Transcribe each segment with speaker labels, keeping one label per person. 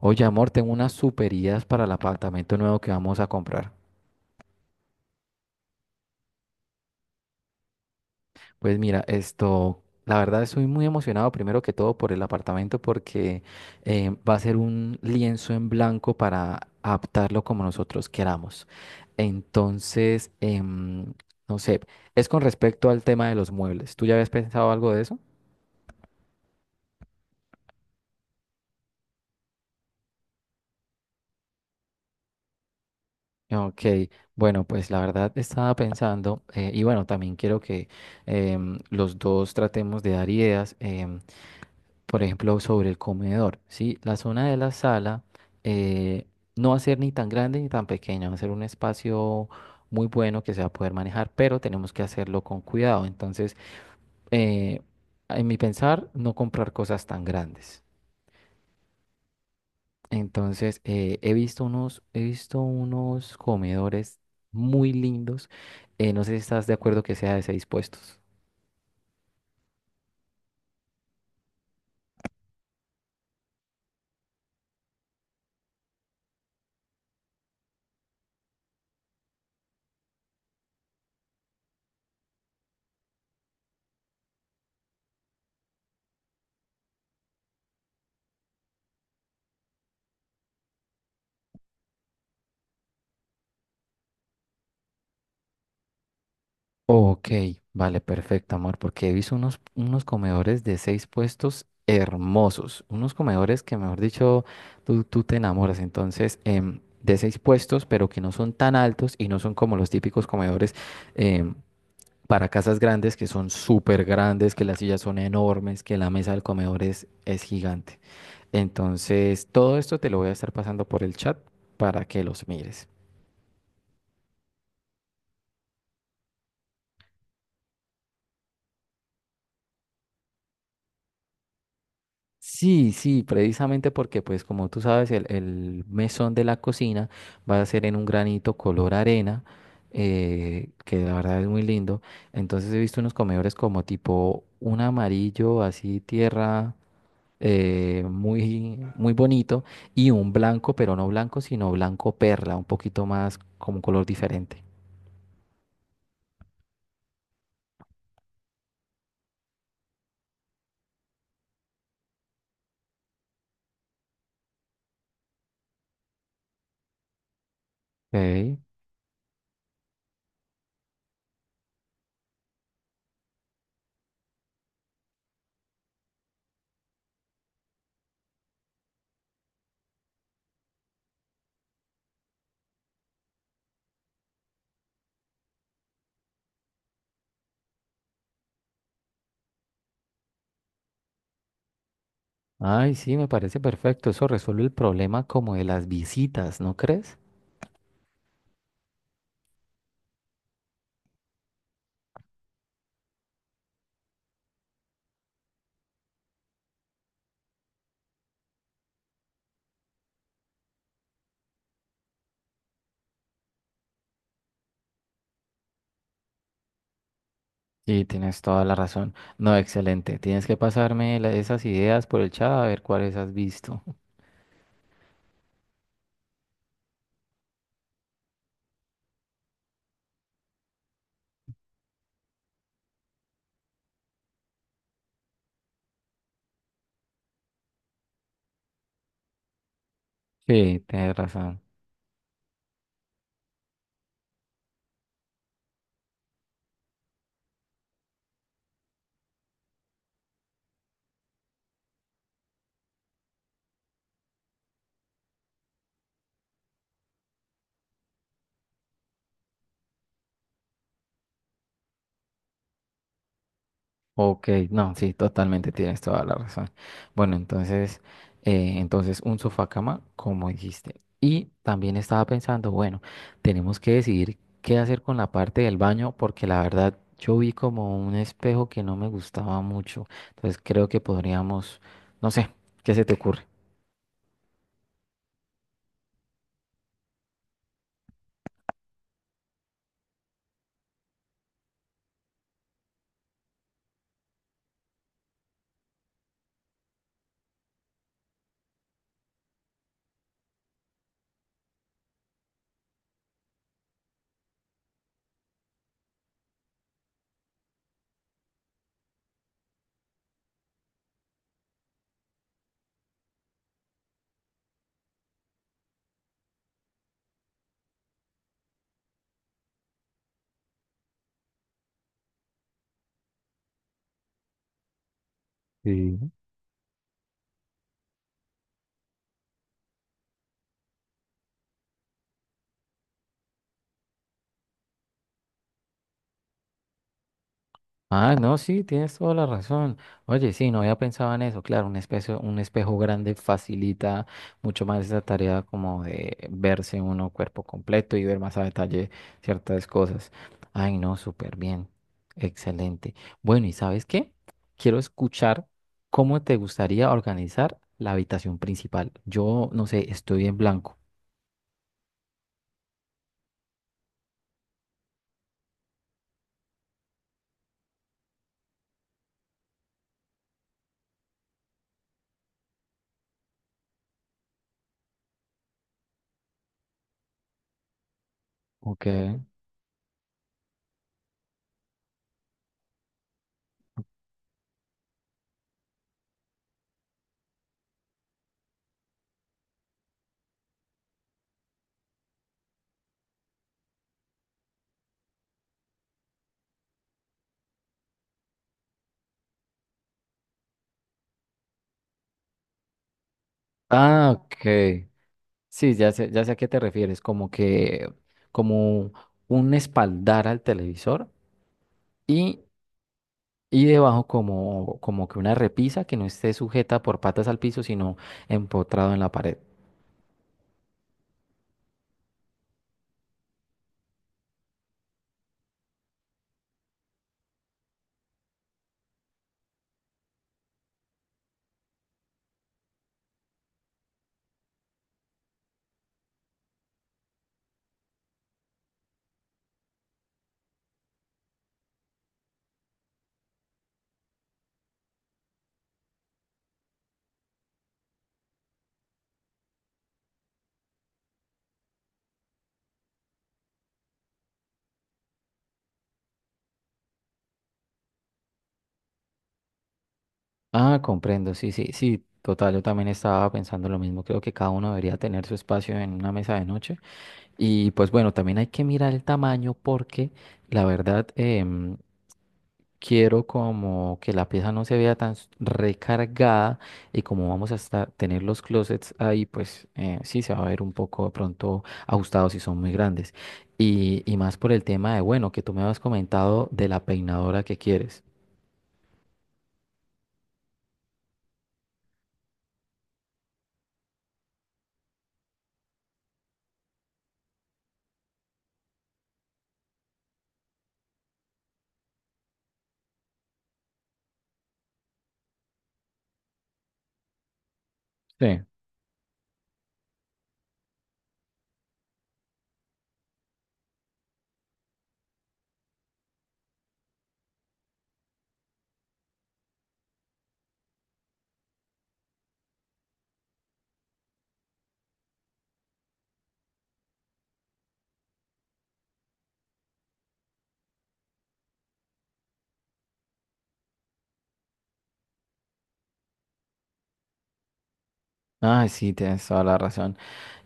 Speaker 1: Oye, amor, tengo unas super ideas para el apartamento nuevo que vamos a comprar. Pues mira, esto, la verdad estoy muy emocionado primero que todo por el apartamento porque va a ser un lienzo en blanco para adaptarlo como nosotros queramos. Entonces, em, no sé, es con respecto al tema de los muebles. ¿Tú ya habías pensado algo de eso? Ok, bueno, pues la verdad estaba pensando, y bueno, también quiero que los dos tratemos de dar ideas. Por ejemplo, sobre el comedor, ¿sí? La zona de la sala eh, no va a ser ni tan grande ni tan pequeña, va a ser un espacio muy bueno que se va a poder manejar, pero tenemos que hacerlo con cuidado. Eh, en mi pensar, no comprar cosas tan grandes. Entonces, he visto unos comedores muy lindos. No sé si estás de acuerdo que sea de seis puestos. Ok, vale, perfecto, amor, porque he visto unos comedores de seis puestos hermosos, unos comedores que, mejor dicho, tú te enamoras, entonces, de seis puestos, pero que no son tan altos y no son como los típicos comedores em, para casas grandes, que son súper grandes, que las sillas son enormes, que la mesa del comedor es gigante. Entonces, todo esto te lo voy a estar pasando por el chat para que los mires. Sí, sí, precisamente porque, pues, como tú sabes, el mesón de la cocina va a ser en un granito color arena, que la verdad es muy lindo. Entonces he visto unos comedores como tipo un amarillo, así tierra, muy, muy bonito, y un blanco, pero no blanco, sino blanco perla, un poquito más como un color diferente. Ok. Ay, sí, me parece perfecto. Eso resuelve el problema como de las visitas, ¿no crees? Y tienes toda la razón. No, excelente. Tienes que pasarme esas ideas por el chat a ver cuáles has visto. Sí, tienes razón. Ok, no, sí, totalmente tienes toda la razón. Bueno, entonces, entonces un sofá cama, como dijiste. Y también estaba pensando, bueno, tenemos que decidir qué hacer con la parte del baño, porque la verdad yo vi como un espejo que no me gustaba mucho. Entonces creo que podríamos, no sé, ¿qué se te ocurre? Sí. Ah, no, sí, tienes toda la razón. Oye, sí, no había pensado en eso. Claro, un espejo grande facilita mucho más esa tarea como de verse uno cuerpo completo y ver más a detalle ciertas cosas. Ay, no, súper bien. Excelente. Bueno, ¿y sabes qué? Quiero escuchar cómo te gustaría organizar la habitación principal. Yo, no sé, estoy en blanco. Ok. Ah, ok. Sí, ya sé a qué te refieres, como que, como un espaldar al televisor y, y debajo como, como que una repisa que no esté sujeta por patas al piso, sino empotrado en la pared. Ah, comprendo, sí, sí, sí, total, yo también estaba pensando lo mismo, creo que cada uno debería tener su espacio en una mesa de noche. Y pues bueno, también hay que mirar el tamaño porque la verdad, quiero como que la pieza no se vea tan recargada y como vamos a estar, tener los closets ahí, pues sí se va a ver un poco de pronto ajustados si son muy grandes. Y más por el tema de, bueno, que tú me habías comentado de la peinadora que quieres. Sí. Ay, sí, tienes toda la razón.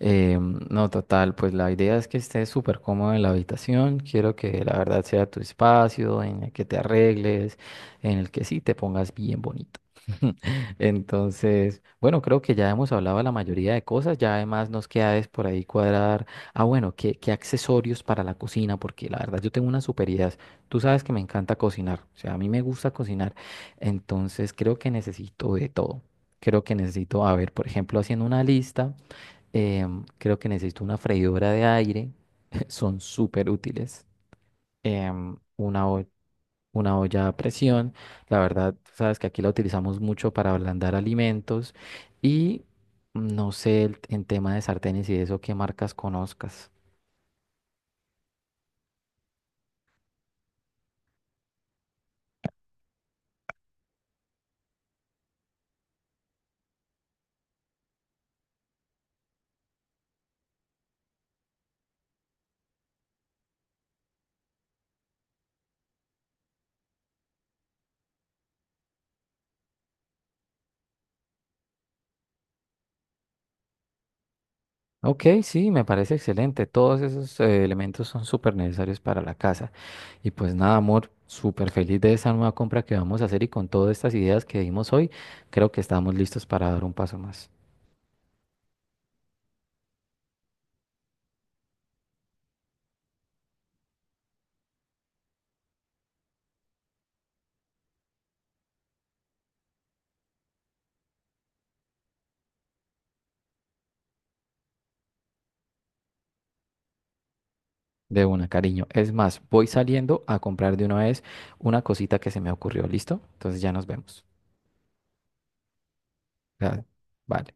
Speaker 1: No, total, pues la idea es que estés súper cómodo en la habitación. Quiero que la verdad sea tu espacio, en el que te arregles, en el que sí te pongas bien bonito. Entonces, bueno, creo que ya hemos hablado de la mayoría de cosas. Ya además nos queda es por ahí cuadrar. Ah, bueno, ¿qué accesorios para la cocina? Porque la verdad yo tengo unas super ideas. Tú sabes que me encanta cocinar. O sea, a mí me gusta cocinar. Entonces, creo que necesito de todo. Creo que necesito, a ver, por ejemplo, haciendo una lista, creo que necesito una freidora de aire, son súper útiles. em, una, ho- una olla a presión, la verdad, sabes que aquí la utilizamos mucho para ablandar alimentos y no sé en tema de sartenes y de eso qué marcas conozcas. Ok, sí, me parece excelente. Todos esos elementos son súper necesarios para la casa. Y pues nada, amor, súper feliz de esa nueva compra que vamos a hacer y con todas estas ideas que dimos hoy, creo que estamos listos para dar un paso más. De una, cariño. Es más, voy saliendo a comprar de una vez una cosita que se me ocurrió. ¿Listo? Entonces ya nos vemos. Ya, vale.